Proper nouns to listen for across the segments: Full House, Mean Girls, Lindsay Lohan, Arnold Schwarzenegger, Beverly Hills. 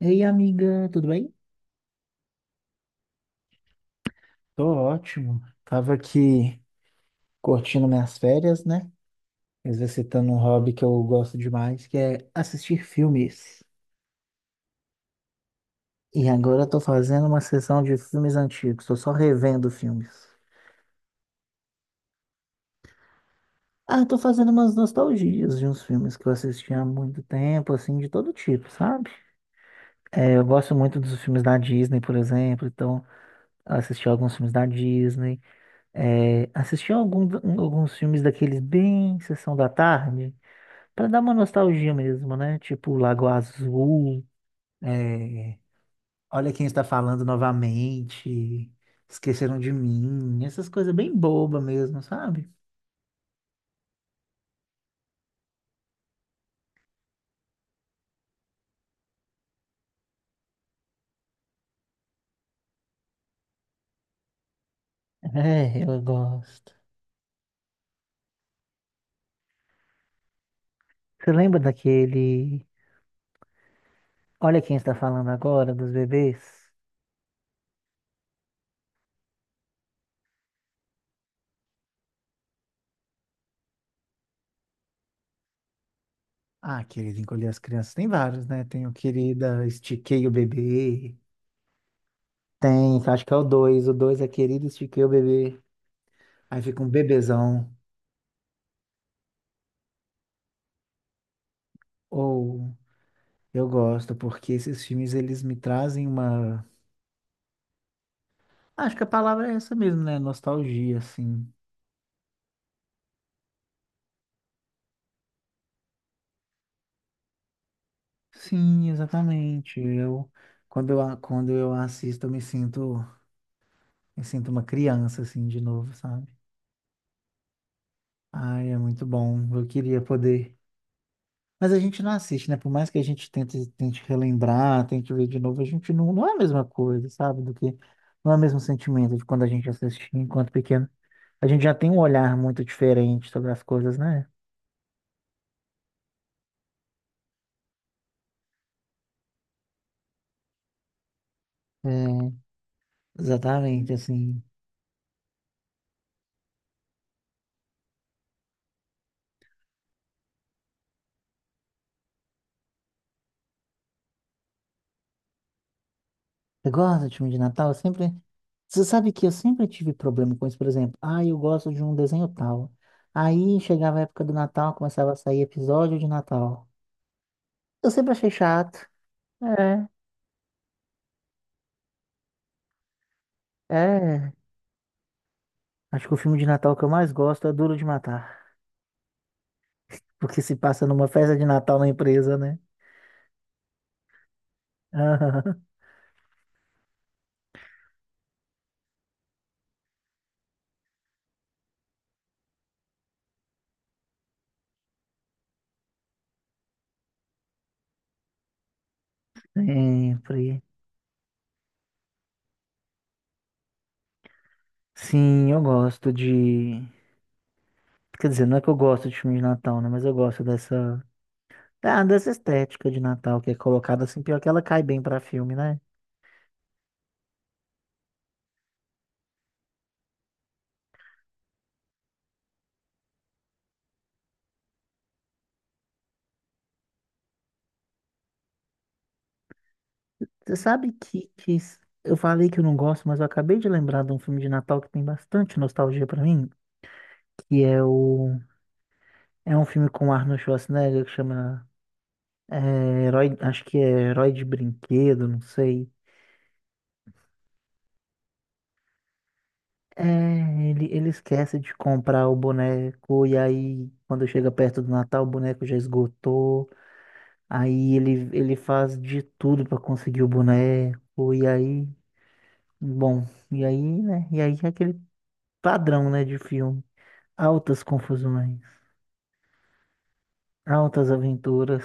Ei, amiga, tudo bem? Tô ótimo. Tava aqui curtindo minhas férias, né? Exercitando um hobby que eu gosto demais, que é assistir filmes. E agora eu tô fazendo uma sessão de filmes antigos, tô só revendo filmes. Ah, tô fazendo umas nostalgias de uns filmes que eu assisti há muito tempo, assim, de todo tipo, sabe? É, eu gosto muito dos filmes da Disney, por exemplo, então eu assisti alguns filmes da Disney, é, assisti algum- alguns filmes daqueles bem Sessão da Tarde. Pra dar uma nostalgia mesmo, né? Tipo Lago Azul, é, Olha Quem Está Falando Novamente, Esqueceram de Mim, essas coisas bem boba mesmo, sabe? É, eu gosto. Você lembra daquele Olha Quem Está Falando Agora, dos bebês? Ah, querido, encolher as crianças. Tem vários, né? Tem o Querida, Estiquei o Bebê. Tem, acho que é o dois. O dois é Querida, Estiquei o Bebê. Aí fica um bebezão. Ou eu gosto, porque esses filmes eles me trazem uma. Acho que a palavra é essa mesmo, né? Nostalgia, assim. Sim, exatamente. Eu, quando eu, a- Quando eu assisto, me sinto uma criança, assim, de novo, sabe? Ai, é muito bom. Eu queria poder. Mas a gente não assiste, né? Por mais que a gente tente, tente relembrar, tente ver de novo, a gente não é a mesma coisa, sabe? Do que. Não é o mesmo sentimento de quando a gente assistia enquanto pequeno. A gente já tem um olhar muito diferente sobre as coisas, né? É, exatamente, assim. Eu gosto de filme de Natal, eu sempre. Você sabe que eu sempre tive problema com isso, por exemplo. Ah, eu gosto de um desenho tal. Aí chegava a época do Natal, começava a sair episódio de Natal. Eu sempre achei chato. É, é. Acho que o filme de Natal que eu mais gosto é Duro de Matar. Porque se passa numa festa de Natal na empresa, né? Aham, sempre. Sim, eu gosto de. Quer dizer, não é que eu gosto de filme de Natal, né? Mas eu gosto dessa. Ah, dessa estética de Natal que é colocada assim, pior que ela cai bem pra filme, né? Você sabe que s- eu falei que eu não gosto, mas eu acabei de lembrar de um filme de Natal que tem bastante nostalgia pra mim, que é o é um filme com Arnold Schwarzenegger que chama é, Herói, acho que é Herói de Brinquedo, não sei. É, ele esquece de comprar o boneco e aí quando chega perto do Natal o boneco já esgotou. Aí ele faz de tudo pra conseguir o boneco e aí bom, e aí, né? E aí é aquele padrão, né, de filme. Altas confusões, altas aventuras.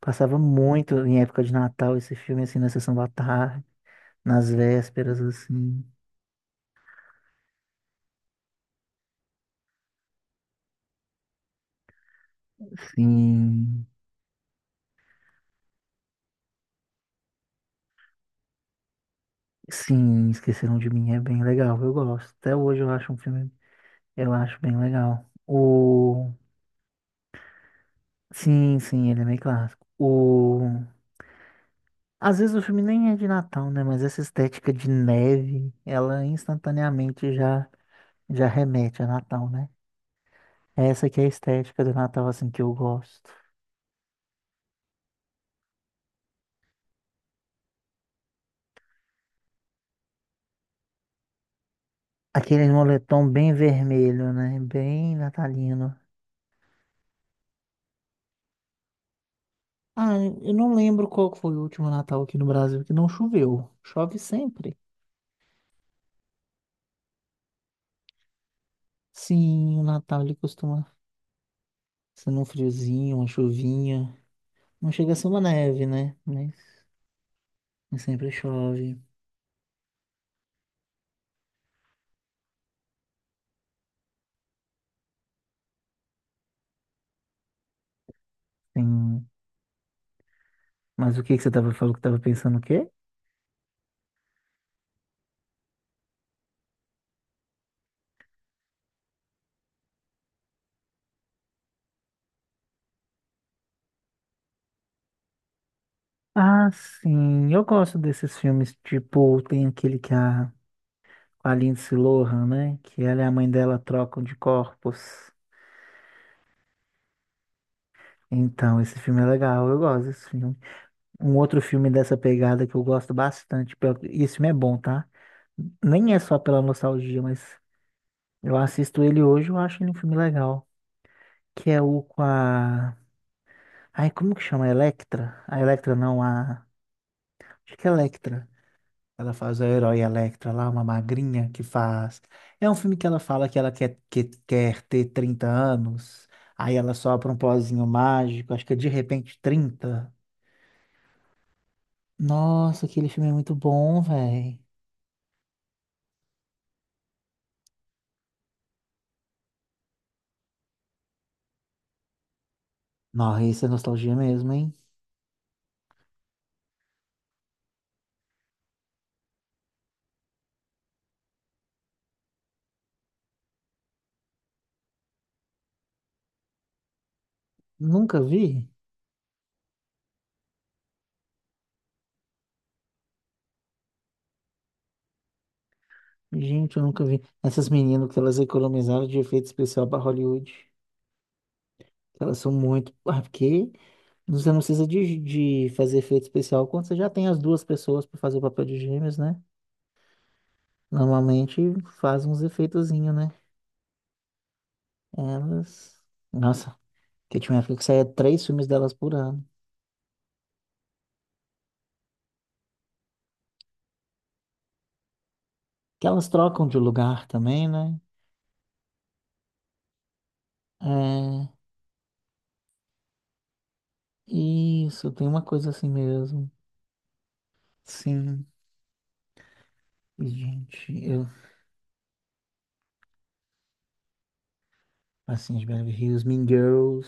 Passava muito em época de Natal esse filme, assim, na sessão da tarde, nas vésperas, assim. Sim, sim, Esqueceram de Mim é bem legal, eu gosto. Até hoje eu acho um filme, eu acho bem legal. O... Sim, sim, ele é meio clássico. O... Às vezes o filme nem é de Natal, né? Mas essa estética de neve, ela instantaneamente já remete a Natal, né? É essa que é a estética do Natal, assim, que eu gosto. Aquele moletom bem vermelho, né? Bem natalino. Ah, eu não lembro qual que foi o último Natal aqui no Brasil que não choveu. Chove sempre. Sim, o Natal ele costuma ser um friozinho, uma chuvinha. Não chega a ser uma neve, né? Mas sempre chove. Sim. Mas o que que você tava falando que tava pensando o quê? Ah, sim. Eu gosto desses filmes, tipo, tem aquele que a com a Lindsay Lohan, né? Que ela e a mãe dela trocam de corpos. Então, esse filme é legal, eu gosto desse filme. Um outro filme dessa pegada que eu gosto bastante, pelo- e esse filme é bom, tá? Nem é só pela nostalgia, mas eu assisto ele hoje, eu acho ele um filme legal. Que é o com a. Ai, como que chama? Electra? A Electra não, a. Acho que é Electra. Ela faz a herói Electra lá, uma magrinha que faz. É um filme que ela fala que ela quer, quer ter 30 anos. Aí ela sopra um pozinho mágico, acho que é de repente 30. Nossa, aquele filme é muito bom, velho. Nossa, isso é nostalgia mesmo, hein? Nunca vi? Gente, eu nunca vi. Essas meninas que elas economizaram de efeito especial pra Hollywood. Elas são muito. Ah, porque você não precisa de fazer efeito especial quando você já tem as duas pessoas pra fazer o papel de gêmeos, né? Normalmente faz uns efeitozinho, né? Elas. Nossa, que tinha uma época que saía três filmes delas por ano. Que elas trocam de lugar também, né? É. Isso, tem uma coisa assim mesmo. Sim. E, gente, eu. Assim, de Beverly Hills, Mean Girls.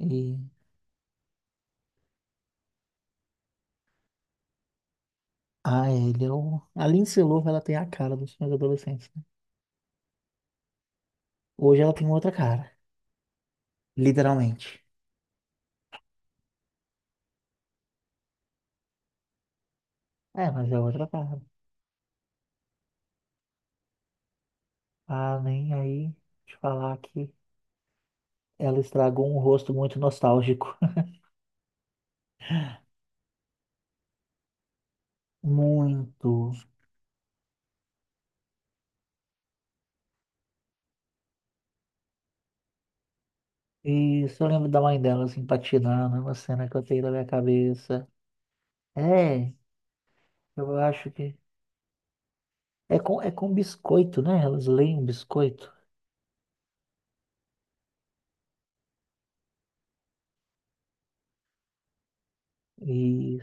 E. Ah, ele é o. A Lindsay Lohan, ela tem a cara dos filmes adolescentes, né? Hoje ela tem outra cara. Literalmente. É, mas é outra cara. Ah, nem aí te falar que. Ela estragou um rosto muito nostálgico. Muito. Isso, eu lembro da mãe dela assim patinando, é uma cena que eu tenho na minha cabeça. É, eu acho que. É com biscoito, né? Elas leem biscoito. E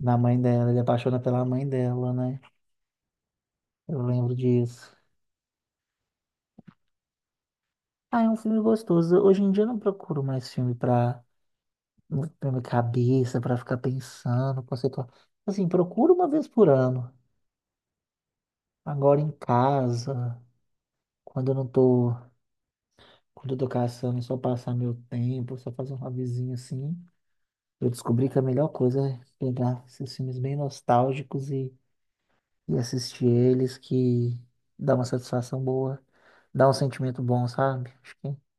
na mãe dela, ele apaixona pela mãe dela, né? Eu lembro disso. Ah, é um filme gostoso. Hoje em dia eu não procuro mais filme pra minha cabeça, pra ficar pensando, conceituar. Assim, procuro uma vez por ano. Agora em casa, quando eu não tô quando eu tô caçando, e só passar meu tempo, só fazer um hobbyzinho assim. Eu descobri que a melhor coisa é pegar esses filmes bem nostálgicos e assistir eles, que dá uma satisfação boa, dá um sentimento bom, sabe? Acho que...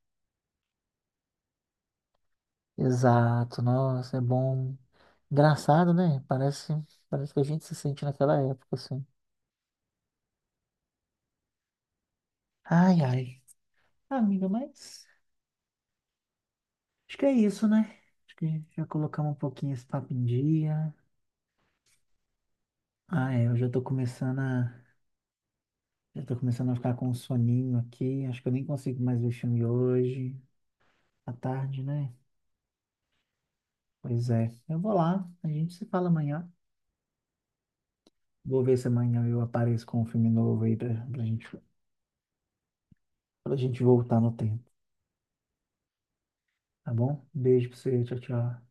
Exato, nossa, é bom. Engraçado, né? Parece que a gente se sente naquela época, assim. Ai, ai. Ah, amiga, mas acho que é isso, né? Acho que já colocamos um pouquinho esse papo em dia. Ah, é, eu já tô começando a eu tô começando a ficar com um soninho aqui. Acho que eu nem consigo mais ver filme hoje. À tarde, né? Pois é. Eu vou lá. A gente se fala amanhã. Vou ver se amanhã eu apareço com um filme novo aí pra gente voltar no tempo. Tá bom? Beijo pra você. Tchau, tchau.